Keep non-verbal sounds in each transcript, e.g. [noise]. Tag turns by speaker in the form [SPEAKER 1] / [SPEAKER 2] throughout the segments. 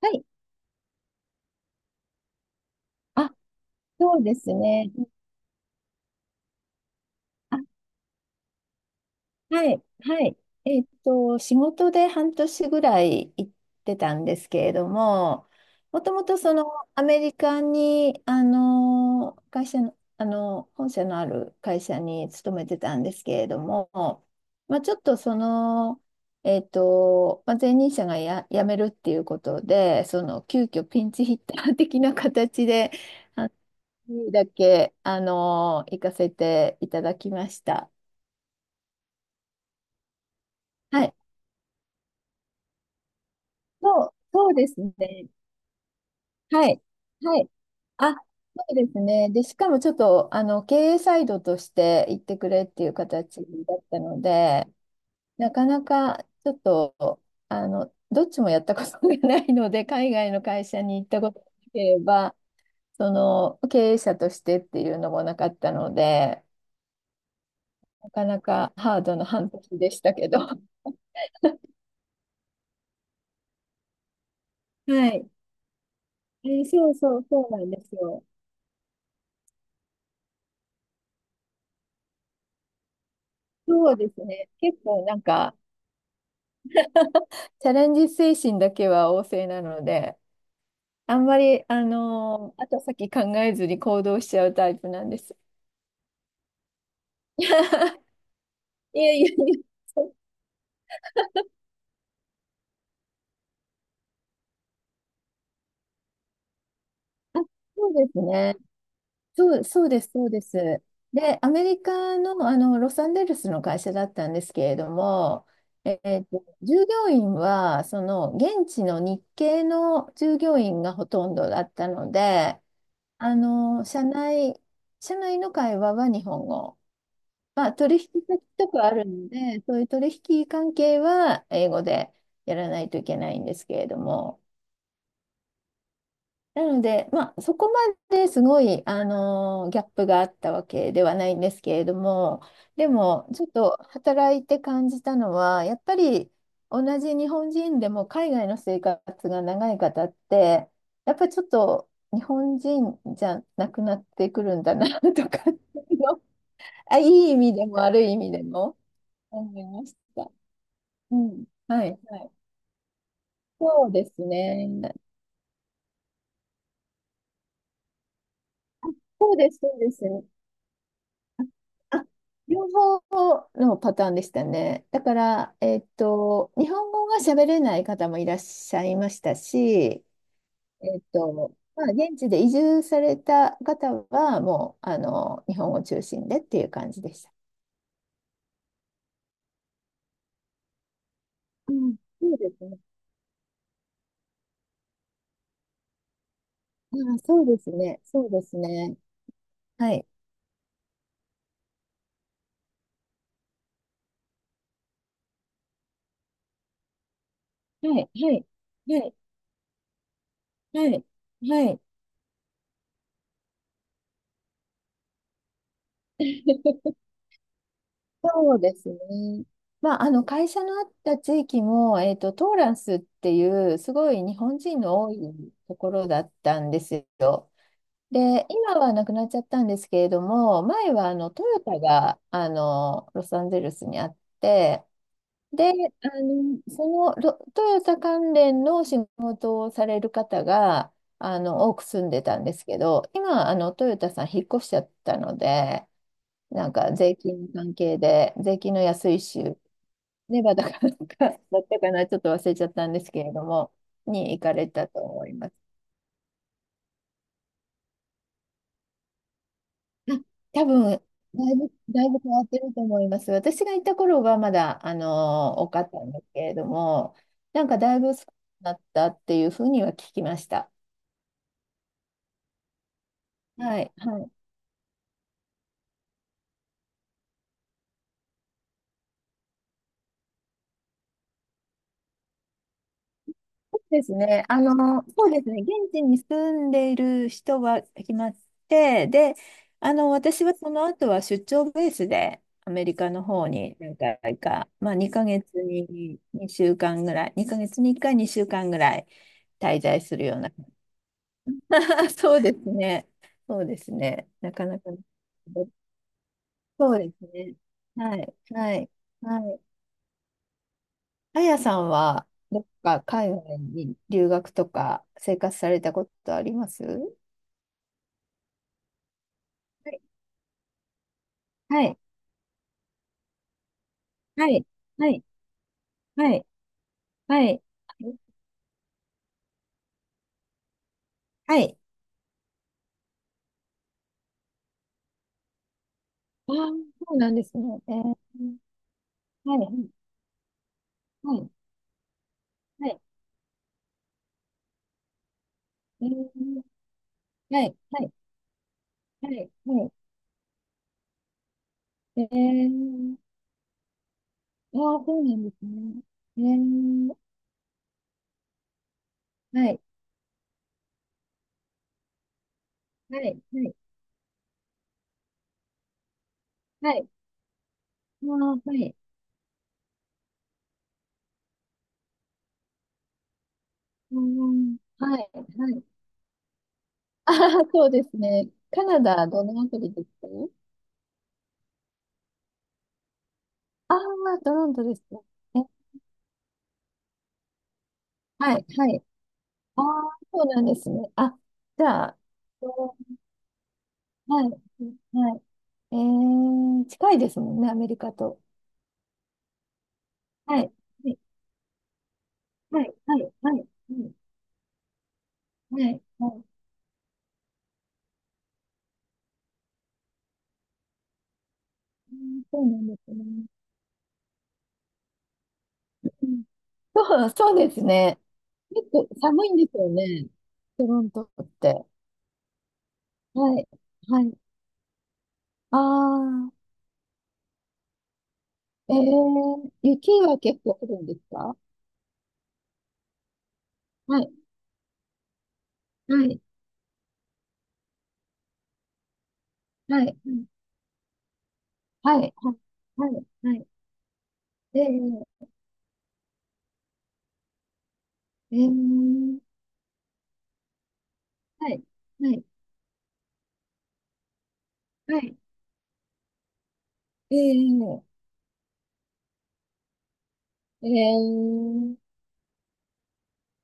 [SPEAKER 1] はい。あ、そうですね。あ、はい、はい。仕事で半年ぐらい行ってたんですけれども、もともとそのアメリカに、会社の、本社のある会社に勤めてたんですけれども、まあ、ちょっとその、まあ、前任者が辞めるっていうことで、その急遽ピンチヒッター的な形で、にだけ、行かせていただきました。はい。そう、そうですね。はい。はい。あ、そうですね。で、しかもちょっと、経営サイドとして行ってくれっていう形だったので、なかなかちょっと、どっちもやったことがないので、海外の会社に行ったことがなければ、その、経営者としてっていうのもなかったので、なかなかハードな半年でしたけど。はい。そうそう、そうなんですよ。そうですね。結構なんか、チャレンジ精神だけは旺盛なので、あんまり、後先考えずに行動しちゃうタイプなんです。[laughs] いやいやいや、[laughs] そうあそうですね。そう、そうです、そうです。で、アメリカの、ロサンゼルスの会社だったんですけれども、従業員は、その、現地の日系の従業員がほとんどだったので、あの、社内、社内の会話は日本語。まあ、取引先とかあるので、そういう取引関係は英語でやらないといけないんですけれども、なので、まあ、そこまですごい、ギャップがあったわけではないんですけれども、でも、ちょっと働いて感じたのは、やっぱり同じ日本人でも海外の生活が長い方って、やっぱりちょっと日本人じゃなくなってくるんだな [laughs] とかっていうの、あ、いい意味でも悪い意味でも思いました。うん。はい、はい。そうですね。そうです、そうです。あ両方のパターンでしたね。だから、日本語が喋れない方もいらっしゃいましたし、まあ、現地で移住された方は、もう、日本語中心でっていう感じでした。うん、そうですね。ああ、そうですね。そうですね。はい。はい。はい。はい。はい。はい。そうですね。まあ、あの会社のあった地域も、トーランスっていうすごい日本人の多いところだったんですよ。で、今はなくなっちゃったんですけれども、前はトヨタがロサンゼルスにあって、で、そのトヨタ関連の仕事をされる方が多く住んでたんですけど、今トヨタさん引っ越しちゃったので、なんか税金の関係で、税金の安い州、ネバダかなんか、だったかな、ちょっと忘れちゃったんですけれども、に行かれたと思います。あ、多分、だいぶ、だいぶ変わってると思います。私が行った頃はまだ、多かったんですけれども、なんかだいぶ少なくなったっていうふうには聞きました。はい。はいですね。そうですね。現地に住んでいる人は決まって、で、私はその後は出張ベースでアメリカの方に何回か、まあ2ヶ月に2週間ぐらい、2ヶ月に1回2週間ぐらい滞在するような。[laughs] そうですね。そうですね。なかなか。そうですね。はい。はい。はい。あやさんは、どっか海外に留学とか生活されたことあります？はい。はい。はい。はい。はい。はい。ああー、そうなんですね。えー、はい。はい。はい。えー、はい。はい。はい。はい。えー、ああ、そうなんですね。えー、はい。はい。はい。はい。ああ、はい。うーん、はい。はい。[laughs] ああ、そうですね。カナダ、どのあたりですか？ああ、トロントですね。えはい。はい。ああ、そうなんですね。あ、じゃあ、はい。はい。えー、近いですもんね、アメリカと。はい。はい。はい。はい。はい。はい。はいはいうんそうなんですね。うんそう、そうですね。結構寒いんですよね。トロントって。はい。はい。ああ、えー、雪は結構降るんですか？はい。はい。はい。はい。はい。はい。はい。えー、えー、はい。はい。はい。えー、えー、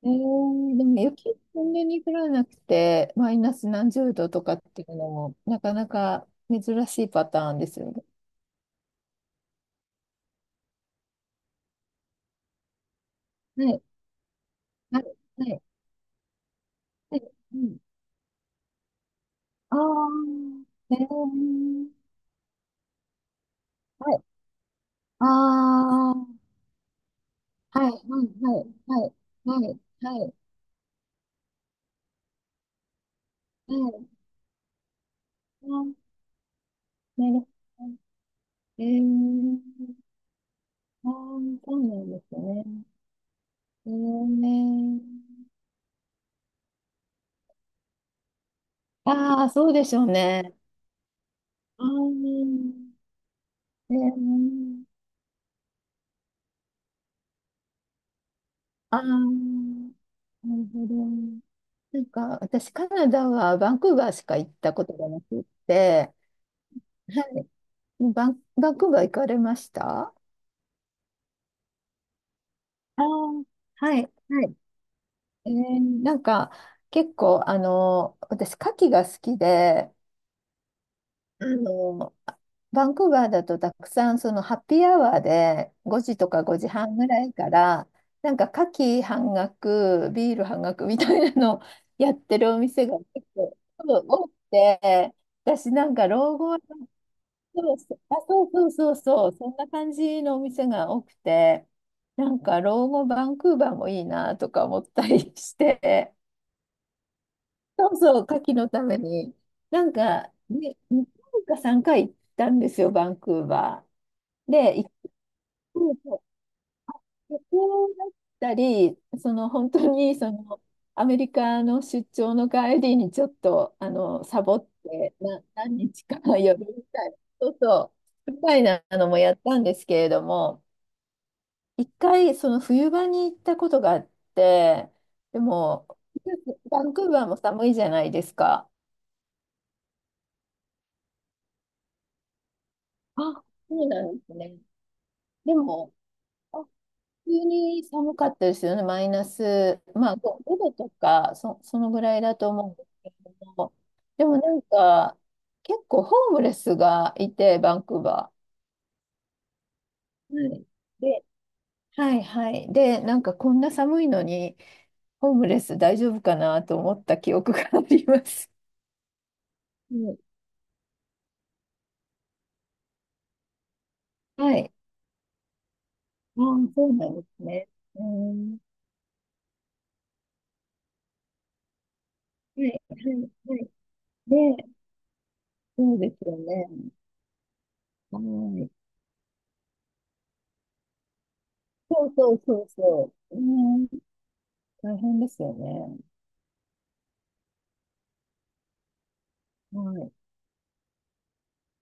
[SPEAKER 1] えー、でも雪そんなに降らなくて、マイナス何十度とかっていうのも、なかなか珍しいパターンですよね。はい、はい、はい。はいうん、ああ、えー、はい、ああ、はい、はい、はい、はい、はい、はい、はい、あーなるほど。えー、ああ、そうなんですね。えー、ああ、そうでしょうね。ああ、えーああ、なるほど。なんか、私、カナダはバンクーバーしか行ったことがなくって、はい。もうバンクーバー行かれました？あーはい、はい。えーなんか、結構、私、牡蠣が好きで、あの、バンクーバーだとたくさんそのハッピーアワーで5時とか5時半ぐらいからなんか夏季半額、ビール半額みたいなのをやってるお店が結構多くて、私なんか老後はそうそう、あ、そうそうそうそう、そんな感じのお店が多くて、なんか老後バンクーバーもいいなとか思ったりして、そうそう、夏季のために。なんか、ね、2回か3回行ったんですよ、バンクーバー。で、一回、そう旅行だったり、その本当にそのアメリカの出張の帰りにちょっとサボってな何日か寄るみたいな、そうそう、みたいなのもやったんですけれども、一回その冬場に行ったことがあって、でも、バンクーバーも寒いじゃないですか。あ、そうなんですね。でも、あ急に寒かったですよね、マイナス、まあ、5、度とか、そのぐらいだと思うんですけれども、でもなんか、結構ホームレスがいて、バンクーバー。はい。で、はいはい。で、なんかこんな寒いのに、ホームレス大丈夫かなと思った記憶があります。うんはい。ああ、そうなんですね。うん。はい、はい、はい。で、そうですよね。はい。そうそうそうそう。ね、大変ですよね。はい